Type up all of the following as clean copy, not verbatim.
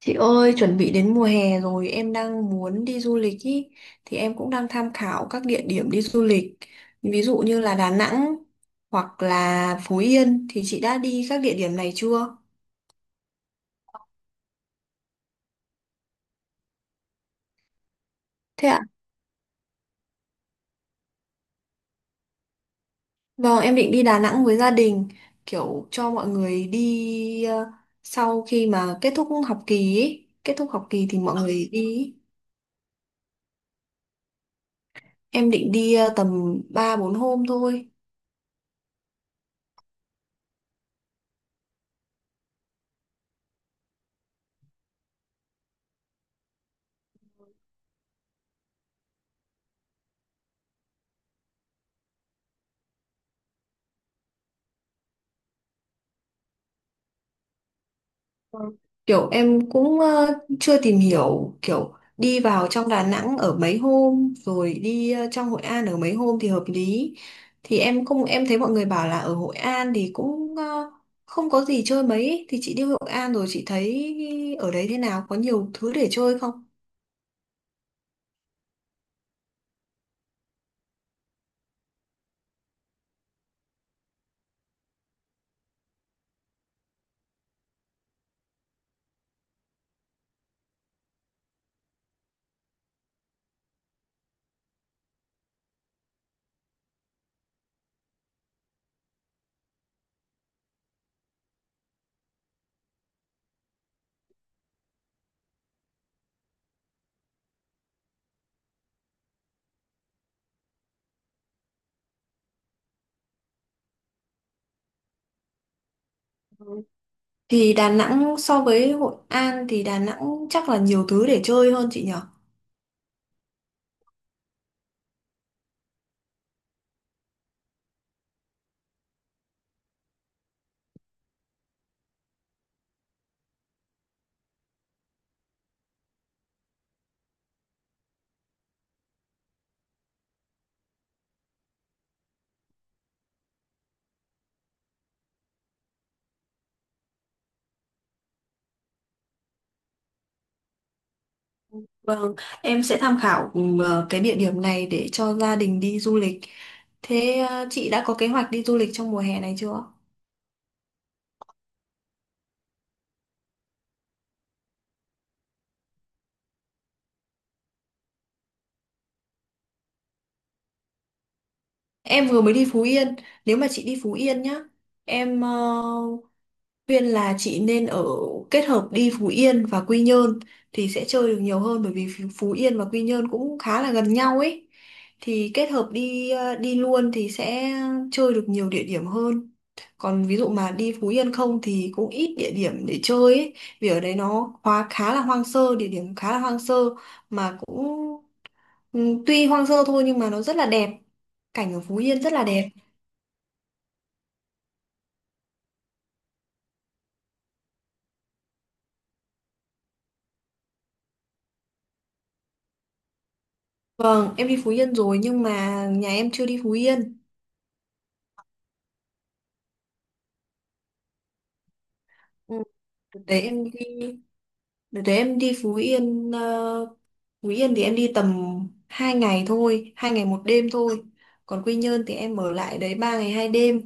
Chị ơi, chuẩn bị đến mùa hè rồi, em đang muốn đi du lịch ý, thì em cũng đang tham khảo các địa điểm đi du lịch. Ví dụ như là Đà Nẵng hoặc là Phú Yên thì chị đã đi các địa điểm này chưa? Thế ạ? Vâng, em định đi Đà Nẵng với gia đình, kiểu cho mọi người đi sau khi mà kết thúc học kỳ ý. Kết thúc học kỳ thì mọi người đi ý. Em định đi tầm 3-4 hôm thôi. Ừ. Kiểu em cũng chưa tìm hiểu kiểu đi vào trong Đà Nẵng ở mấy hôm rồi đi trong Hội An ở mấy hôm thì hợp lý. Thì em không em thấy mọi người bảo là ở Hội An thì cũng không có gì chơi mấy ấy. Thì chị đi Hội An rồi chị thấy ở đấy thế nào, có nhiều thứ để chơi không? Thì Đà Nẵng so với Hội An thì Đà Nẵng chắc là nhiều thứ để chơi hơn chị nhỉ? Vâng, em sẽ tham khảo cái địa điểm này để cho gia đình đi du lịch. Thế chị đã có kế hoạch đi du lịch trong mùa hè này chưa? Em vừa mới đi Phú Yên. Nếu mà chị đi Phú Yên nhá, em khuyên là chị nên ở, kết hợp đi Phú Yên và Quy Nhơn thì sẽ chơi được nhiều hơn, bởi vì Phú Phú Yên và Quy Nhơn cũng khá là gần nhau ấy. Thì kết hợp đi luôn thì sẽ chơi được nhiều địa điểm hơn. Còn ví dụ mà đi Phú Yên không thì cũng ít địa điểm để chơi ấy. Vì ở đấy nó khá khá là hoang sơ, địa điểm khá là hoang sơ mà cũng ừ, tuy hoang sơ thôi nhưng mà nó rất là đẹp. Cảnh ở Phú Yên rất là đẹp. Vâng, em đi Phú Yên rồi nhưng mà nhà em chưa đi Phú Yên. Ừ. Đợt đấy em đi đợt đấy em đi Phú Yên ờ, Phú Yên thì em đi tầm 2 ngày thôi, 2 ngày 1 đêm thôi. Còn Quy Nhơn thì em ở lại đấy 3 ngày 2 đêm.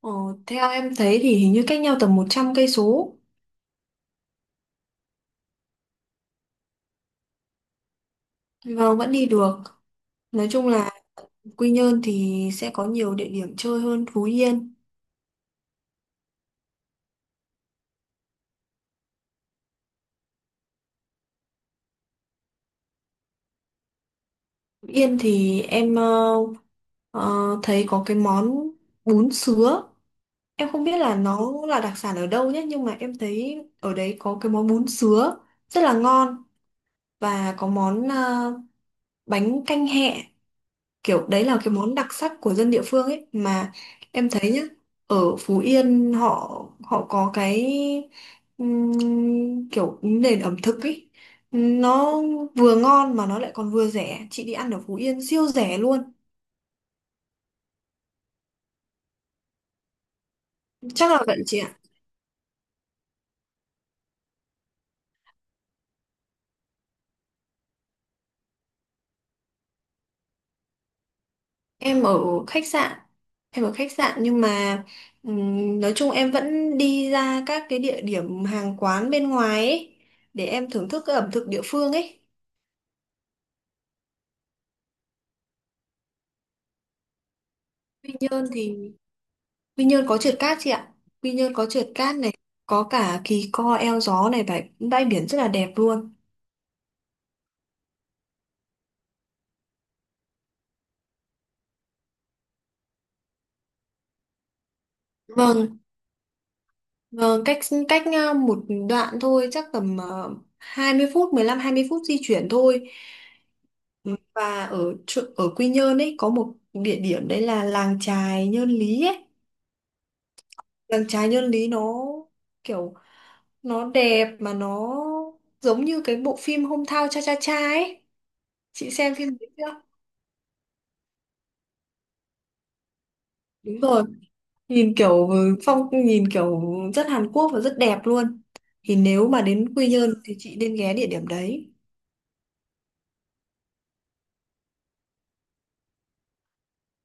ờ, Theo em thấy thì hình như cách nhau tầm 100 cây số. Vâng, vẫn đi được. Nói chung là Quy Nhơn thì sẽ có nhiều địa điểm chơi hơn Phú Yên. Phú Yên thì em ờ, thấy có cái món bún sứa. Em không biết là nó là đặc sản ở đâu nhé, nhưng mà em thấy ở đấy có cái món bún sứa rất là ngon, và có món bánh canh hẹ. Kiểu đấy là cái món đặc sắc của dân địa phương ấy mà. Em thấy nhá, ở Phú Yên họ họ có cái kiểu nền ẩm thực ấy, nó vừa ngon mà nó lại còn vừa rẻ. Chị đi ăn ở Phú Yên siêu rẻ luôn. Chắc là vậy chị ạ. Em ở khách sạn em ở khách sạn nhưng mà nói chung em vẫn đi ra các cái địa điểm hàng quán bên ngoài ấy, để em thưởng thức cái ẩm thực địa phương ấy. Quy Nhơn thì Quy Nhơn có trượt cát chị ạ. Quy Nhơn có trượt cát này, có cả Kỳ Co eo gió này, bãi bãi biển rất là đẹp luôn. Vâng, vâng, cách cách một đoạn thôi, chắc tầm 20 phút, 15-20 phút di chuyển thôi. Ừ, và ở ở Quy Nhơn ấy có một địa điểm đấy là làng chài Nhơn Lý ấy. Làng chài Nhơn Lý nó kiểu nó đẹp mà nó giống như cái bộ phim Hometown Cha Cha Cha ấy. Chị xem phim đấy chưa? Đúng rồi. Nhìn kiểu rất Hàn Quốc và rất đẹp luôn. Thì nếu mà đến Quy Nhơn thì chị nên ghé địa điểm đấy.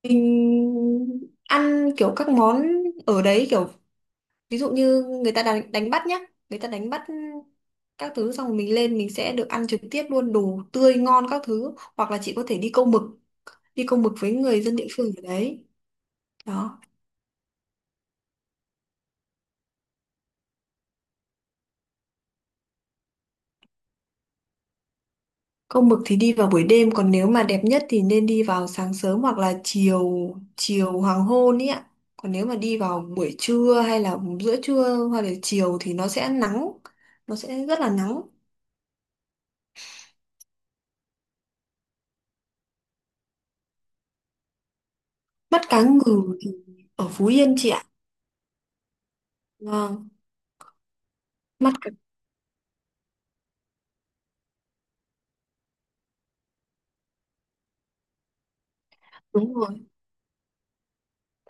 Mình ăn kiểu các món ở đấy kiểu, ví dụ như người ta đánh bắt nhá, người ta đánh bắt các thứ xong rồi mình lên, mình sẽ được ăn trực tiếp luôn đồ tươi ngon các thứ, hoặc là chị có thể đi câu mực với người dân địa phương ở đấy đó. Câu mực thì đi vào buổi đêm, còn nếu mà đẹp nhất thì nên đi vào sáng sớm hoặc là chiều chiều hoàng hôn ý ạ. Còn nếu mà đi vào buổi trưa hay là giữa trưa hoặc là chiều thì nó sẽ nắng, nó sẽ rất là nắng. Mắt cá ngừ thì ở Phú Yên chị ạ. Vâng. mắt cá Đúng rồi.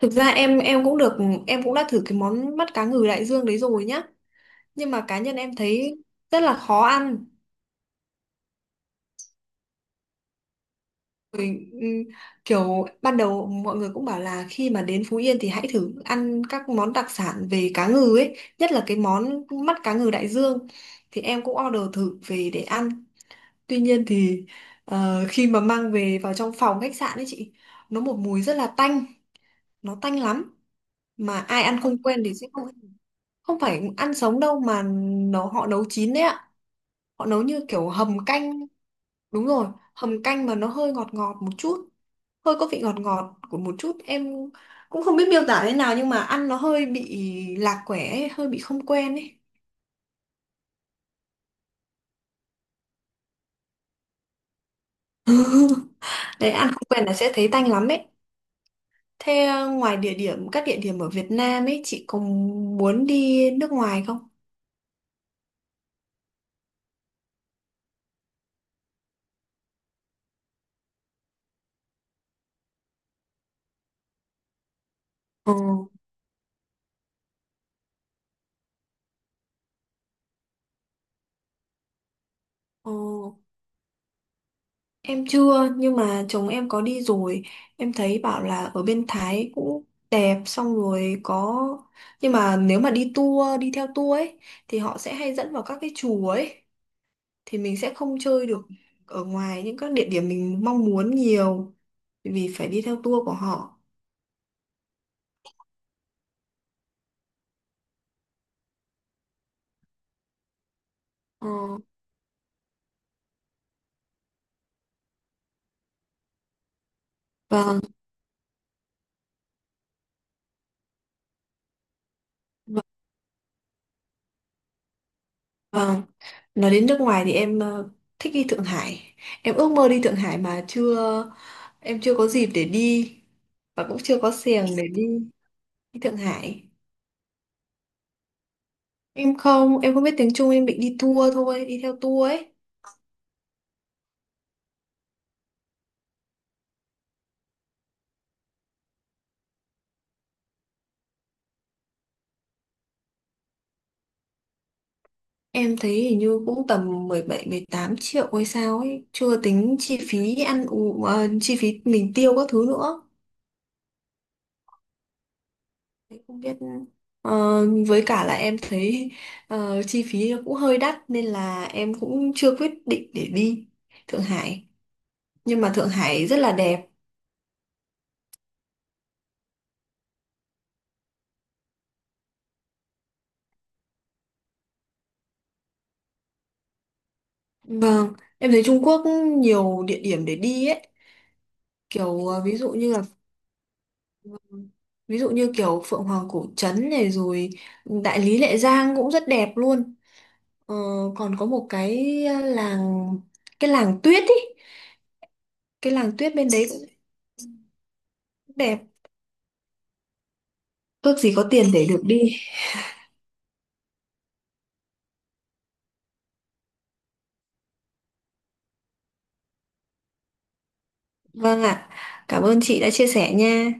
Thực ra em cũng được em cũng đã thử cái món mắt cá ngừ đại dương đấy rồi nhá, nhưng mà cá nhân em thấy rất là khó ăn. Rồi, kiểu ban đầu mọi người cũng bảo là khi mà đến Phú Yên thì hãy thử ăn các món đặc sản về cá ngừ ấy, nhất là cái món mắt cá ngừ đại dương. Thì em cũng order thử về để ăn. Tuy nhiên thì khi mà mang về vào trong phòng khách sạn ấy chị, nó một mùi rất là tanh, nó tanh lắm. Mà ai ăn không quen thì sẽ không, không phải ăn sống đâu mà, nó họ nấu chín đấy ạ. Họ nấu như kiểu hầm canh. Đúng rồi, hầm canh mà nó hơi ngọt ngọt một chút, hơi có vị ngọt ngọt của một chút, em cũng không biết miêu tả thế nào, nhưng mà ăn nó hơi bị lạc quẻ ấy, hơi bị không quen ấy. Đấy, ăn không quen là sẽ thấy tanh lắm ấy. Thế ngoài địa điểm các địa điểm ở Việt Nam ấy, chị có muốn đi nước ngoài không? Ừ. Ừ. Em chưa, nhưng mà chồng em có đi rồi. Em thấy bảo là ở bên Thái cũng đẹp, xong rồi có. Nhưng mà nếu mà đi theo tour ấy, thì họ sẽ hay dẫn vào các cái chùa ấy, thì mình sẽ không chơi được ở ngoài những các địa điểm mình mong muốn nhiều, bởi vì phải đi theo tour của họ. Ờ. Vâng, vâng. Nói đến nước ngoài thì em thích đi Thượng Hải. Em ước mơ đi Thượng Hải mà chưa. Em chưa có dịp để đi. Và cũng chưa có xèng để đi, đi Thượng Hải. Em không biết tiếng Trung, em bị đi tour thôi, đi theo tour ấy. Em thấy hình như cũng tầm 17-18 triệu hay sao ấy, chưa tính chi phí ăn uống, chi phí mình tiêu các thứ nữa. Thế không biết, ờ, với cả là em thấy chi phí nó cũng hơi đắt, nên là em cũng chưa quyết định để đi Thượng Hải. Nhưng mà Thượng Hải rất là đẹp. Vâng, em thấy Trung Quốc nhiều địa điểm để đi ấy, kiểu ví dụ như kiểu Phượng Hoàng Cổ Trấn này, rồi Đại Lý Lệ Giang cũng rất đẹp luôn. ờ, Còn có một cái ờ, làng cái làng tuyết ý cái làng tuyết bên đấy cũng đẹp. Ước gì có tiền để được đi. Vâng ạ, cảm ơn chị đã chia sẻ nha.